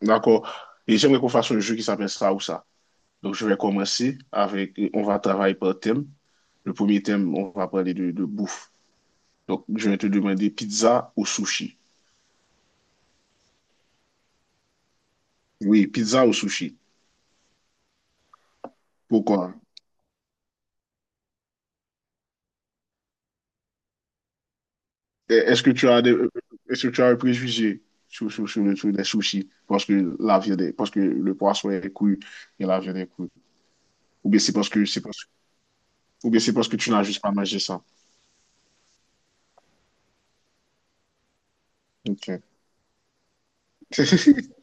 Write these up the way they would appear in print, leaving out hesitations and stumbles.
D'accord. Et j'aimerais qu'on fasse un jeu qui s'appelle ça ou ça. Donc, je vais commencer avec, on va travailler par thème. Le premier thème, on va parler de bouffe. Donc, je vais te demander pizza ou sushi. Oui, pizza ou sushi. Pourquoi? Et est-ce que tu as un préjugé sur les sushis? Parce que la viande est- parce que le poisson est cuit et la viande est cuite. Ou bien c'est parce que, c'est parce, ou bien c'est parce que tu n'as juste pas mangé ça. Ok.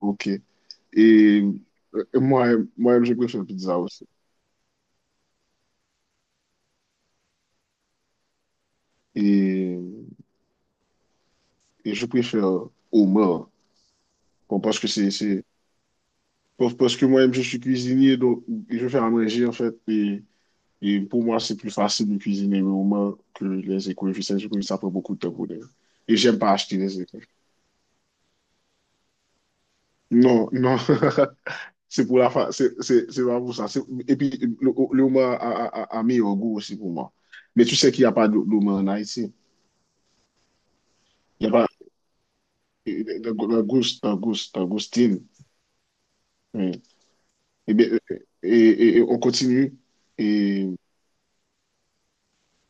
Ok. Et moi-même, je préfère pizza aussi. Et, et je préfère homard. Bon, parce que c'est, parce parce que moi-même, je suis cuisinier, donc je fais à manger, en fait. Et pour moi, c'est plus facile de cuisiner le homard que les économistes. Je trouve que ça prend beaucoup de temps pour les. Et j'aime pas acheter les économistes. Non, non. C'est pas pour ça. Et puis, le homard a meilleur goût aussi pour moi. Mais tu sais qu'il n'y a pas d'homard en Haïti. D'Augustine. Oui. Bien, on continue. Et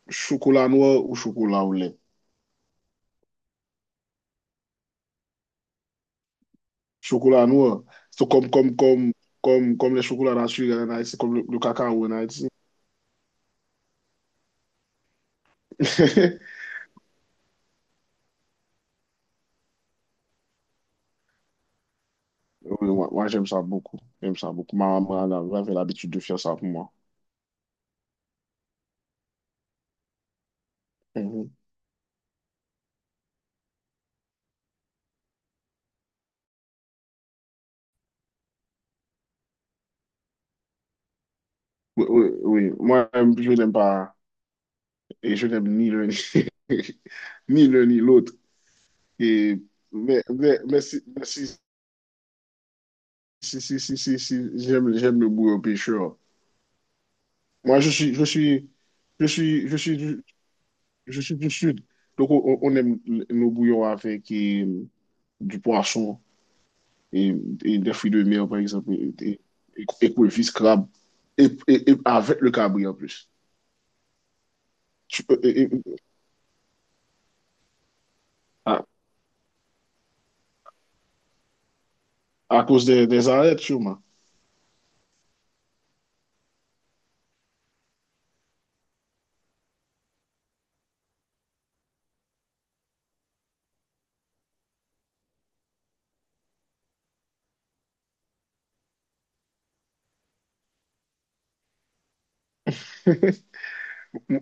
chocolat noir ou chocolat au lait? Chocolat noir, c'est comme les chocolats naturels en Haïti, comme le cacao en Haïti. Oui, moi, j'aime ça beaucoup. J'aime ça beaucoup. Ma maman elle avait l'habitude de faire ça pour moi. Mhm. Oui, oui, oui. Moi, je n'aime pas, et je n'aime ni l'un ni ni l'un ni l'autre. Et, mais si, Si, si, si, si, si j'aime le bourreau pêcheur. Moi, je suis, je suis, je suis, je suis du sud. Donc, on aime nos bouillons avec du poisson et, et des fruits de mer, par exemple, et écrevisses, crabes, et avec le cabri en plus. Tu- et- et- à, à cause des arêtes, sûrement.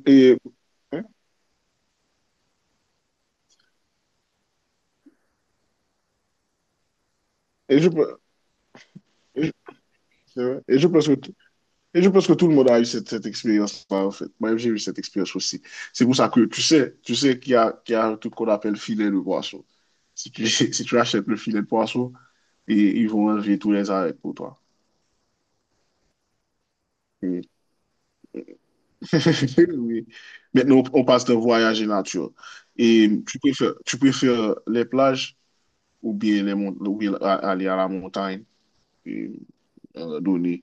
Et, et je, pe- et je et je pense que Et je pense que tout le monde a eu cette expérience-là, en fait. Moi, j'ai eu cette expérience aussi. C'est pour ça que tu sais qu'il y a, tout ce qu'on appelle filet de poisson. Si tu, Si tu achètes le filet de poisson, et, ils vont enlever tous les arrêts pour toi. Mm. Oui. Maintenant, on passe de voyage et nature. Et tu préfères les plages ou bien, les, mont- ou bien a- aller à la montagne et donner.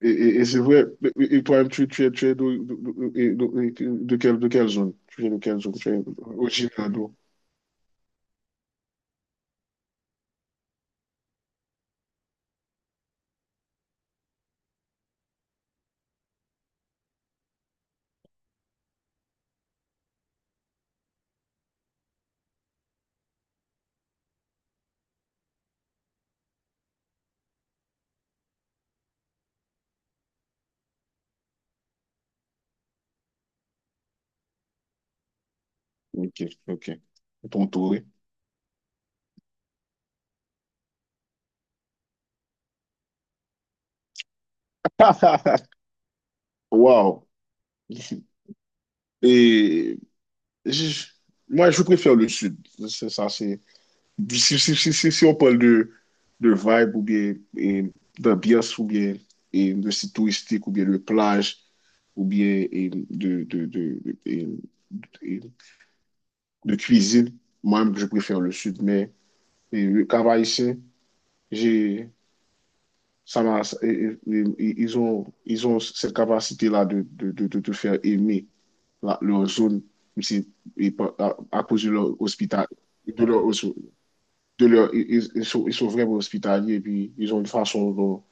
Et c'est vrai, et toi-même, tu es, de quelle zone? Tu es de quelle zone? Tu es originaire d'où? Ok, ok. Ton tour. Wow. Et je- moi, je préfère le sud. C'est ça, c'est. Si on parle de vibe ou bien d'ambiance ou bien de site touristique ou bien de plage ou bien et de cuisine, moi-même, je préfère le sud. Mais le travail j'ai, ça m'a- ils ont cette capacité-là de te faire aimer leur zone, même si- et à cause de leur hospital, de leur, ils- ils sont vraiment hospitaliers, et puis ils ont une façon dont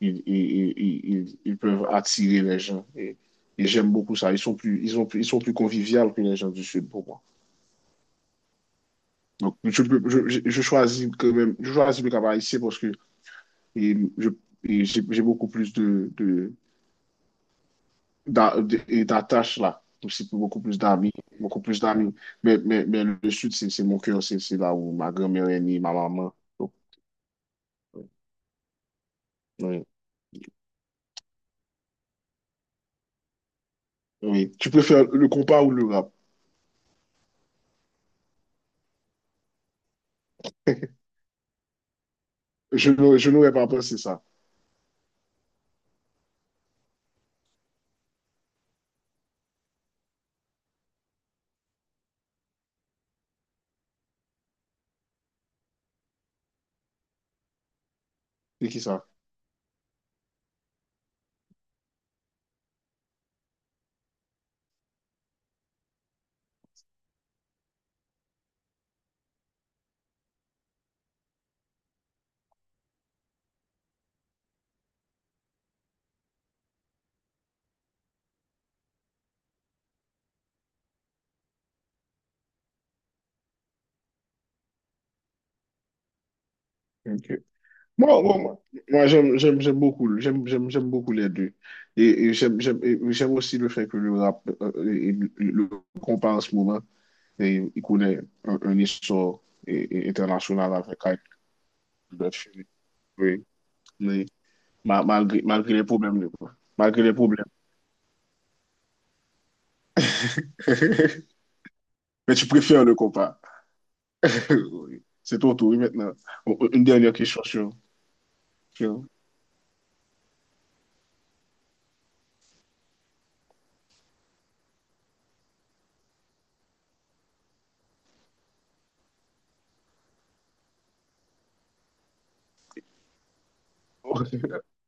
ils peuvent attirer les gens. Et j'aime beaucoup ça. Ils sont plus conviviaux que les gens du Sud pour moi. Donc, je choisis quand même, je choisis le Cap-Haïtien parce que et je- j'ai beaucoup plus de, d'a- de- et d'attaches là, aussi pour beaucoup plus d'amis. Mais le sud, c'est mon cœur, c'est là où ma grand-mère est née, ma maman. Donc, oui, oui. Tu préfères le compas ou le rap? Je n'aurais pas pensé ça. C'est qui ça? Ok. Moi, moi, moi, moi, j'aime beaucoup les deux. Et j'aime aussi le fait que le rap, et le compas en ce moment, il connaît un iso internasyonal avè kaj de chini. Oui, malgré les problèmes. Malgré les problèmes. Mais tu préfères le compas. C'est ton tour, oui, maintenant. Bon, une dernière question sur.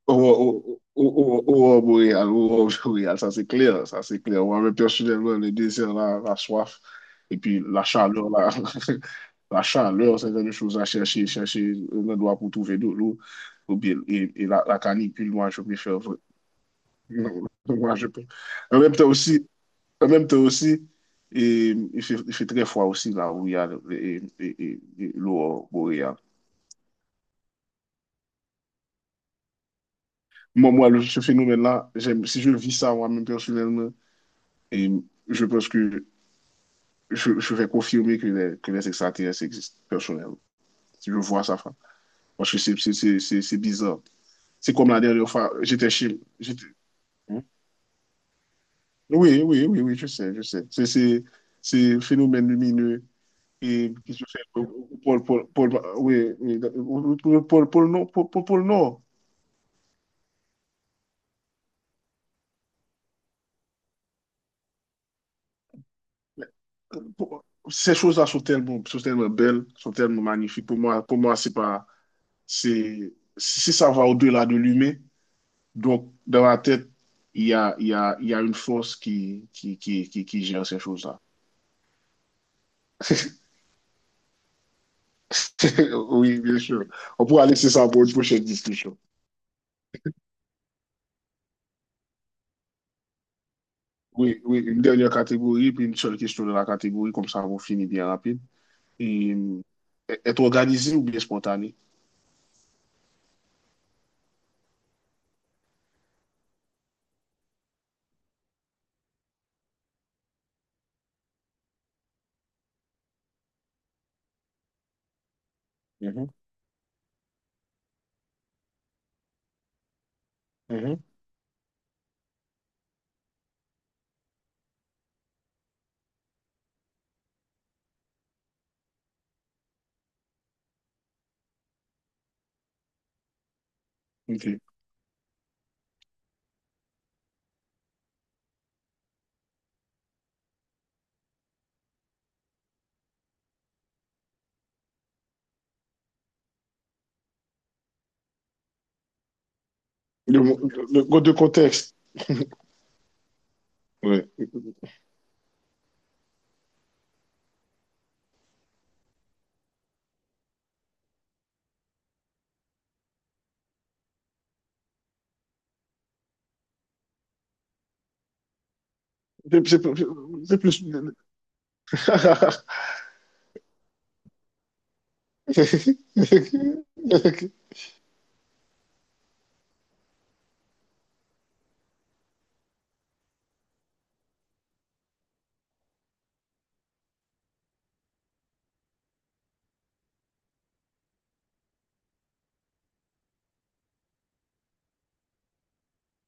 Ou ob real, sa se kler, sa se kler. Ou anwen personelman, le dezer la, la soif, et puis la chaleur, la, la chaleur, c'est gen chose à chercher, chercher. Chèche un endroit pou touve de l'eau, ou bien, et la canicule, moi, je préfère, vra- non, moi, je peux. En même temps aussi, en même temps aussi, et, il fait très froid aussi, là, où il y a l'eau boréale. Moi, ce phénomène-là, j'aime, si je vis ça moi-même personnellement. Et je pense que je vais confirmer que les extraterrestres existent, personnellement. Si je vois ça, frère. Parce que c'est bizarre. C'est comme la dernière fois, Hmm? Oui, oui, oui, oui, je sais. C'est un phénomène lumineux et qui se fait au pôle. Oui, oui. Au pôle nord, pôle nord. Pour- Ces choses-là sont tellement, belles, sont tellement magnifiques. Pour moi, c'est pas, c'est, si ça va au-delà de l'humain. Donc, dans ma tête, il y a, il y a, il y a une force qui gère ces choses-là. Oui, bien sûr. On pourra laisser ça pour une prochaine discussion. Oui, oui, une dernière catégorie, puis une seule question de la catégorie, comme ça, on finit bien rapide. Et, euh, Être organisé ou bien spontané? Mhm, mhm, ok. De contexte, ouais. C'est c'est- c'est plus.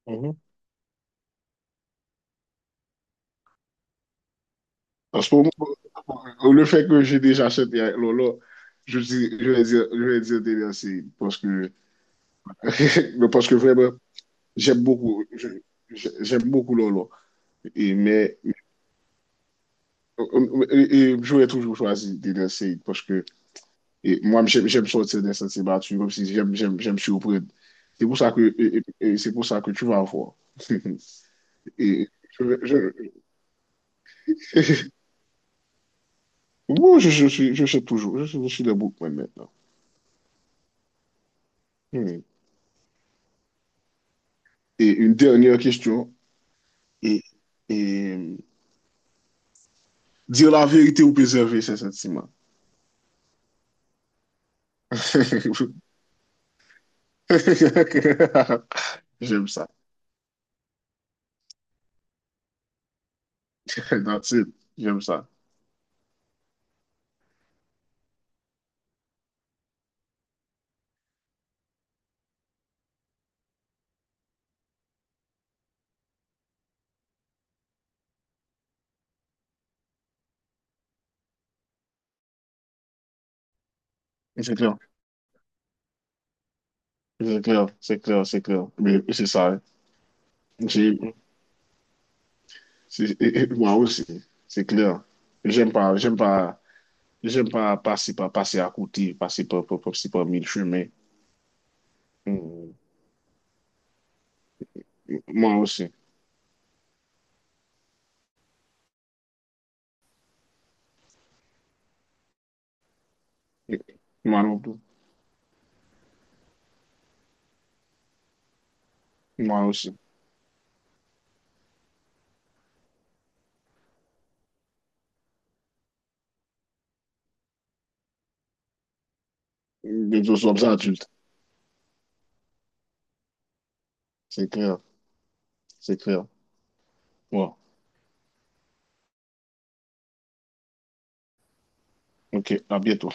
Mhm. Parce que le fait que j'ai déjà acheté avec Lolo, je vais dire des merci parce que. Mais parce que vraiment, j'aime beaucoup, je- j'aime beaucoup Lolo. Et, mais et j'aurais toujours choisi des merci parce que moi, j'aime, j'aime sortir des sentiers battus, comme si j'aime surprendre. C'est pour ça que, et- et- c'est pour ça que tu vas voir. Et je, vais- je, bon, je suis toujours, je suis debout maintenant. Hmm. Et une dernière question. et, et dire la vérité ou préserver ses sentiments? J'aime ça. That's J'aime ça. C'est clair. C'est clair. C'est clair. C'est clair. Mais c'est ça, hein. J'ai- c'est- Moi aussi. C'est clair. J'aime pas. J'aime pas. J'aime pas passer, passer à côté, passer par mille chemins. Mm. Moi aussi. Moi non plus. Moi aussi. Nous sommes adultes. C'est clair. C'est clair. Bon. OK. À bientôt.